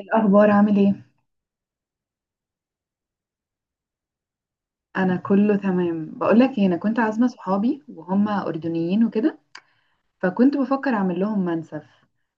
الأخبار عامل ايه؟ أنا كله تمام. بقولك ايه، أنا كنت عازمة صحابي وهم أردنيين وكده، فكنت بفكر أعمل لهم منسف.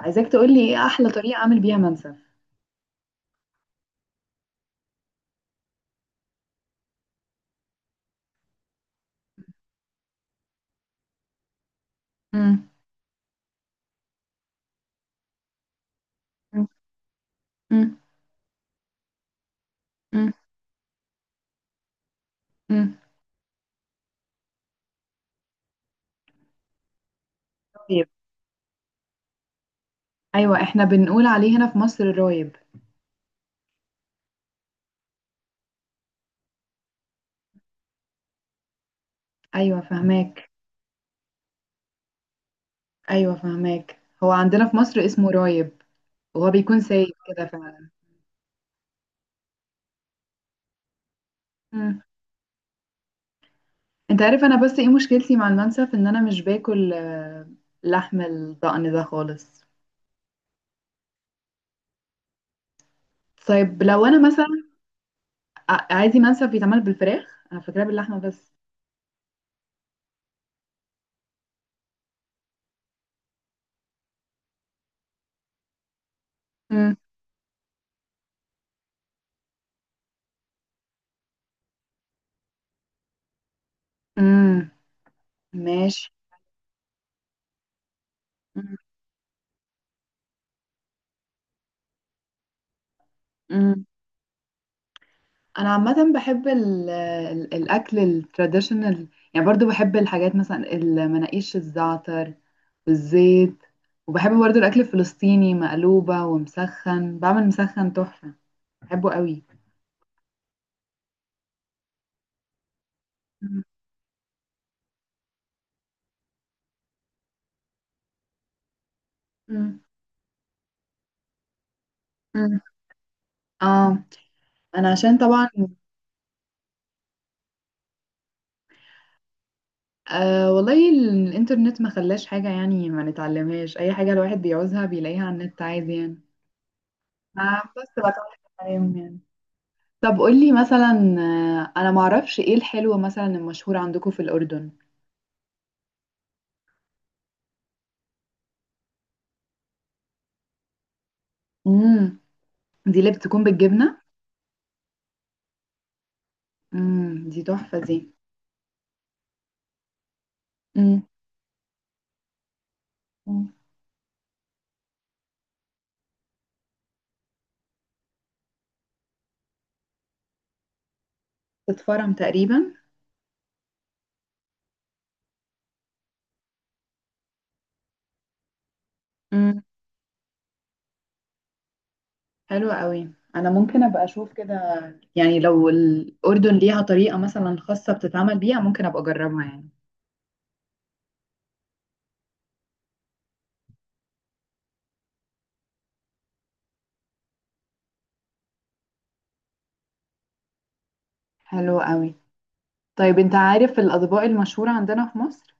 عايزاك تقولي ايه أحلى طريقة أعمل بيها منسف. مم. مم. مم. مم. مم. طيب. أيوة، احنا بنقول عليه هنا في مصر رايب. أيوة فهماك. أيوة فهماك، هو عندنا في مصر اسمه رايب وهو بيكون سايب كده فعلا. مم. انت عارف أنا بس ايه مشكلتي مع المنسف؟ إن أنا مش باكل لحم الضأن ده خالص. طيب لو أنا مثلا عايزي منسف بيتعمل بالفراخ، انا فاكراه باللحمه بس. مم. امم. ماشي. مم. مم. انا عامه بحب ال ال الاكل التراديشنال، يعني برضو بحب الحاجات مثلا المناقيش الزعتر والزيت. وبحب برضو الاكل الفلسطيني مقلوبه ومسخن، بعمل مسخن تحفه، بحبه قوي. مم. مم. مم. اه. انا عشان طبعا. آه والله الانترنت ما خلاش حاجه، يعني ما نتعلمهاش اي حاجه، الواحد بيعوزها بيلاقيها على النت عادي يعني. بس بطلع كلام يعني. طب قولي مثلا، انا معرفش ايه الحلوة مثلا المشهورة عندكم في الأردن. امم. دي اللي بتكون بالجبنة. امم، دي تحفة دي. امم. أمم. تتفرم تقريبا. امم. حلوة قوي، انا ممكن ابقى اشوف كده، يعني لو الأردن ليها طريقة مثلا خاصة بتتعمل بيها ممكن ابقى اجربها يعني. حلوة قوي. طيب انت عارف الأطباق المشهورة عندنا في مصر؟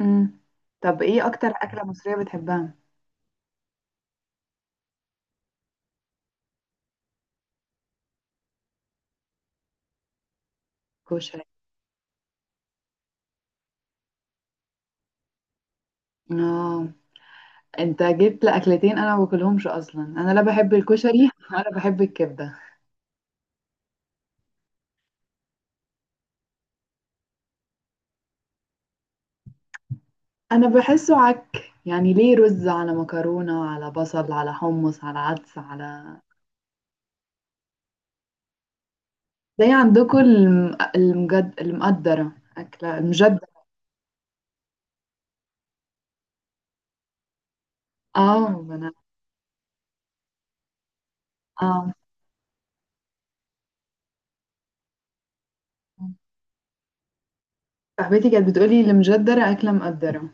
امم. طب ايه اكتر أكلة مصرية بتحبها؟ كشري. اه، انت جبت لاكلتين انا ما باكلهمش اصلا، انا لا بحب الكشري ولا بحب الكبده. انا بحسه عك، يعني ليه رز على مكرونه على بصل على حمص على عدس على زي عندكم المقدره، اكله المجدره. اه ما انا. اه. صاحبتي كانت بتقولي المجدره اكله مقدره.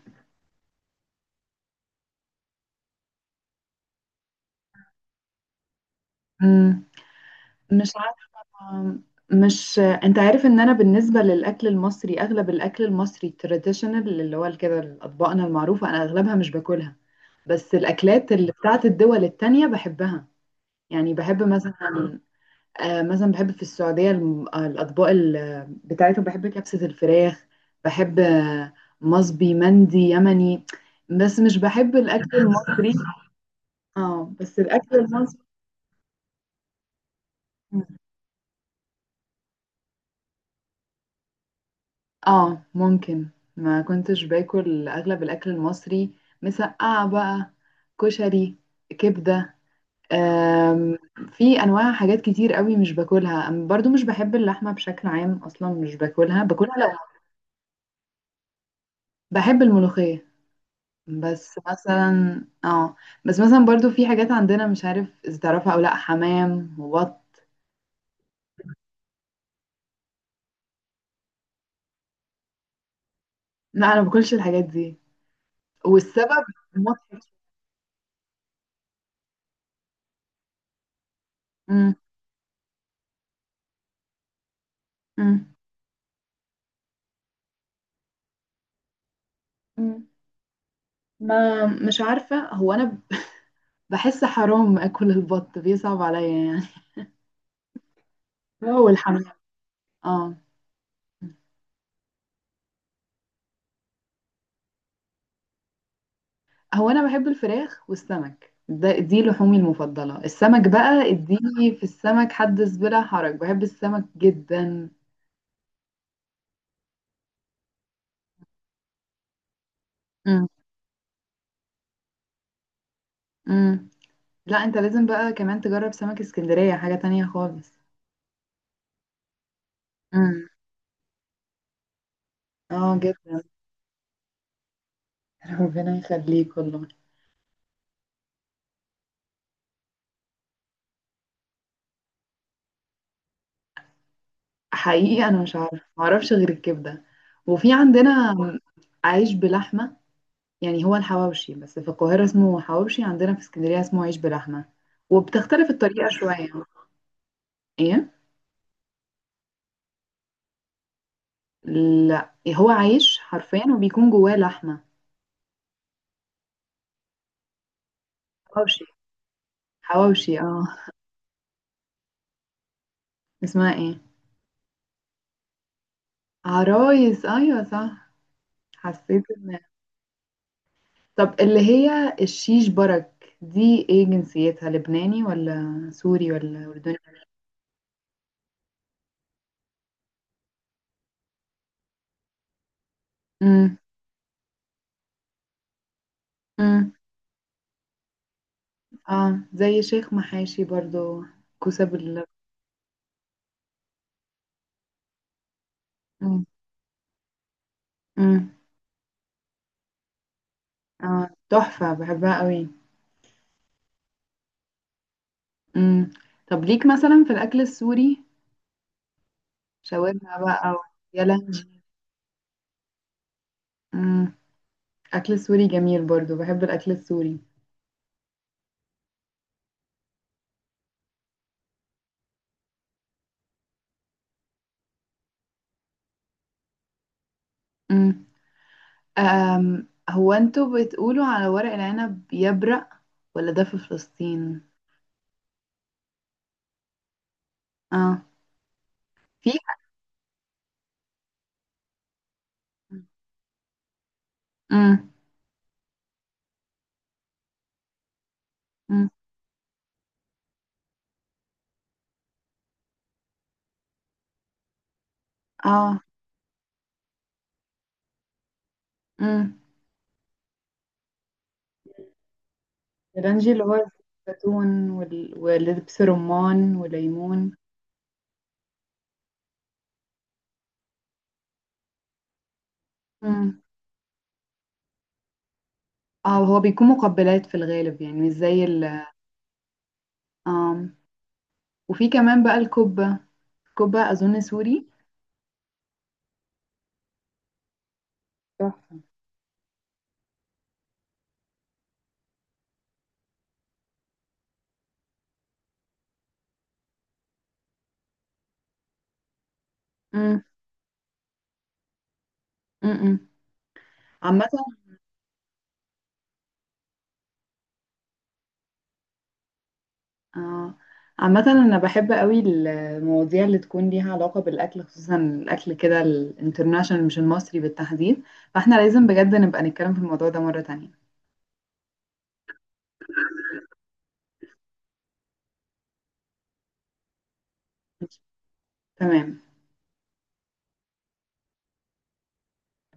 امم. مش آم، مش انت عارف ان انا بالنسبه للاكل المصري اغلب الاكل المصري التراديشنال اللي هو كده اطباقنا المعروفه انا اغلبها مش باكلها. بس الاكلات اللي بتاعت الدول التانية بحبها. يعني بحب مثلا، آه مثلا بحب في السعوديه الاطباق بتاعتهم، بحب كبسه الفراخ. بحب مصبي مندي يمني. بس مش بحب الاكل المصري. اه بس الاكل المصري. اه ممكن. ما كنتش باكل اغلب الاكل المصري، مسقعة بقى، كشري، كبدة، آم، في انواع حاجات كتير قوي مش باكلها. برضو مش بحب اللحمة بشكل عام اصلا مش باكلها، باكلها لو. بحب الملوخية. بس مثلا اه. بس مثلا برضو في حاجات عندنا مش عارف اذا تعرفها او لا، حمام وبط. لا انا ما باكلش الحاجات دي، والسبب مضحك. مم، مم، مم. ما مش عارفة، هو أنا بحس حرام اكل البط، بيصعب عليا يعني. هو الحمام. اه. هو انا بحب الفراخ والسمك، ده دي لحومي المفضله، السمك بقى اديني في السمك حدث بلا حرج، بحب السمك جدا. امم. امم. لا انت لازم بقى كمان تجرب سمك اسكندريه، حاجه تانية خالص. امم. اه جدا. ربنا يخليك والله. حقيقي انا مش عارفه، معرفش غير الكبده. وفي عندنا عيش بلحمه، يعني هو الحواوشي بس في القاهرة اسمه حواوشي، عندنا في اسكندرية اسمه عيش بلحمة، وبتختلف الطريقة شوية. ايه؟ لا هو عيش حرفيا وبيكون جواه لحمة. حواوشي. حواوشي اه. اسمها ايه؟ عرايس، ايوه صح. حسيت ان. طب اللي هي الشيش برك دي ايه جنسيتها، لبناني ولا سوري ولا اردني؟ امم. امم. اه زي شيخ محاشي برضو، كوسة بال. امم. امم. اه تحفة بحبها قوي. امم. طب ليك مثلا في الأكل السوري؟ شاورما بقى أو. يا لهوي. امم. أكل سوري جميل، برضو بحب الأكل السوري. امم. هو انتوا بتقولوا على ورق العنب يبرق ولا ده في فلسطين؟ اه. في. امم. امم. اه. امم. الرنجي اللي هو الزيتون ولبس رمان وليمون. امم. اه هو بيكون مقبلات في الغالب، يعني مش زي ال. آم. وفي كمان بقى الكبة، الكبة أظن سوري. تحفة. مم. مم. عامة آه. عامة أنا بحب قوي المواضيع اللي تكون ليها علاقة بالأكل، خصوصا الأكل كده الانترناشونال مش المصري بالتحديد، فاحنا لازم بجد نبقى نتكلم في الموضوع ده مرة تانية. تمام.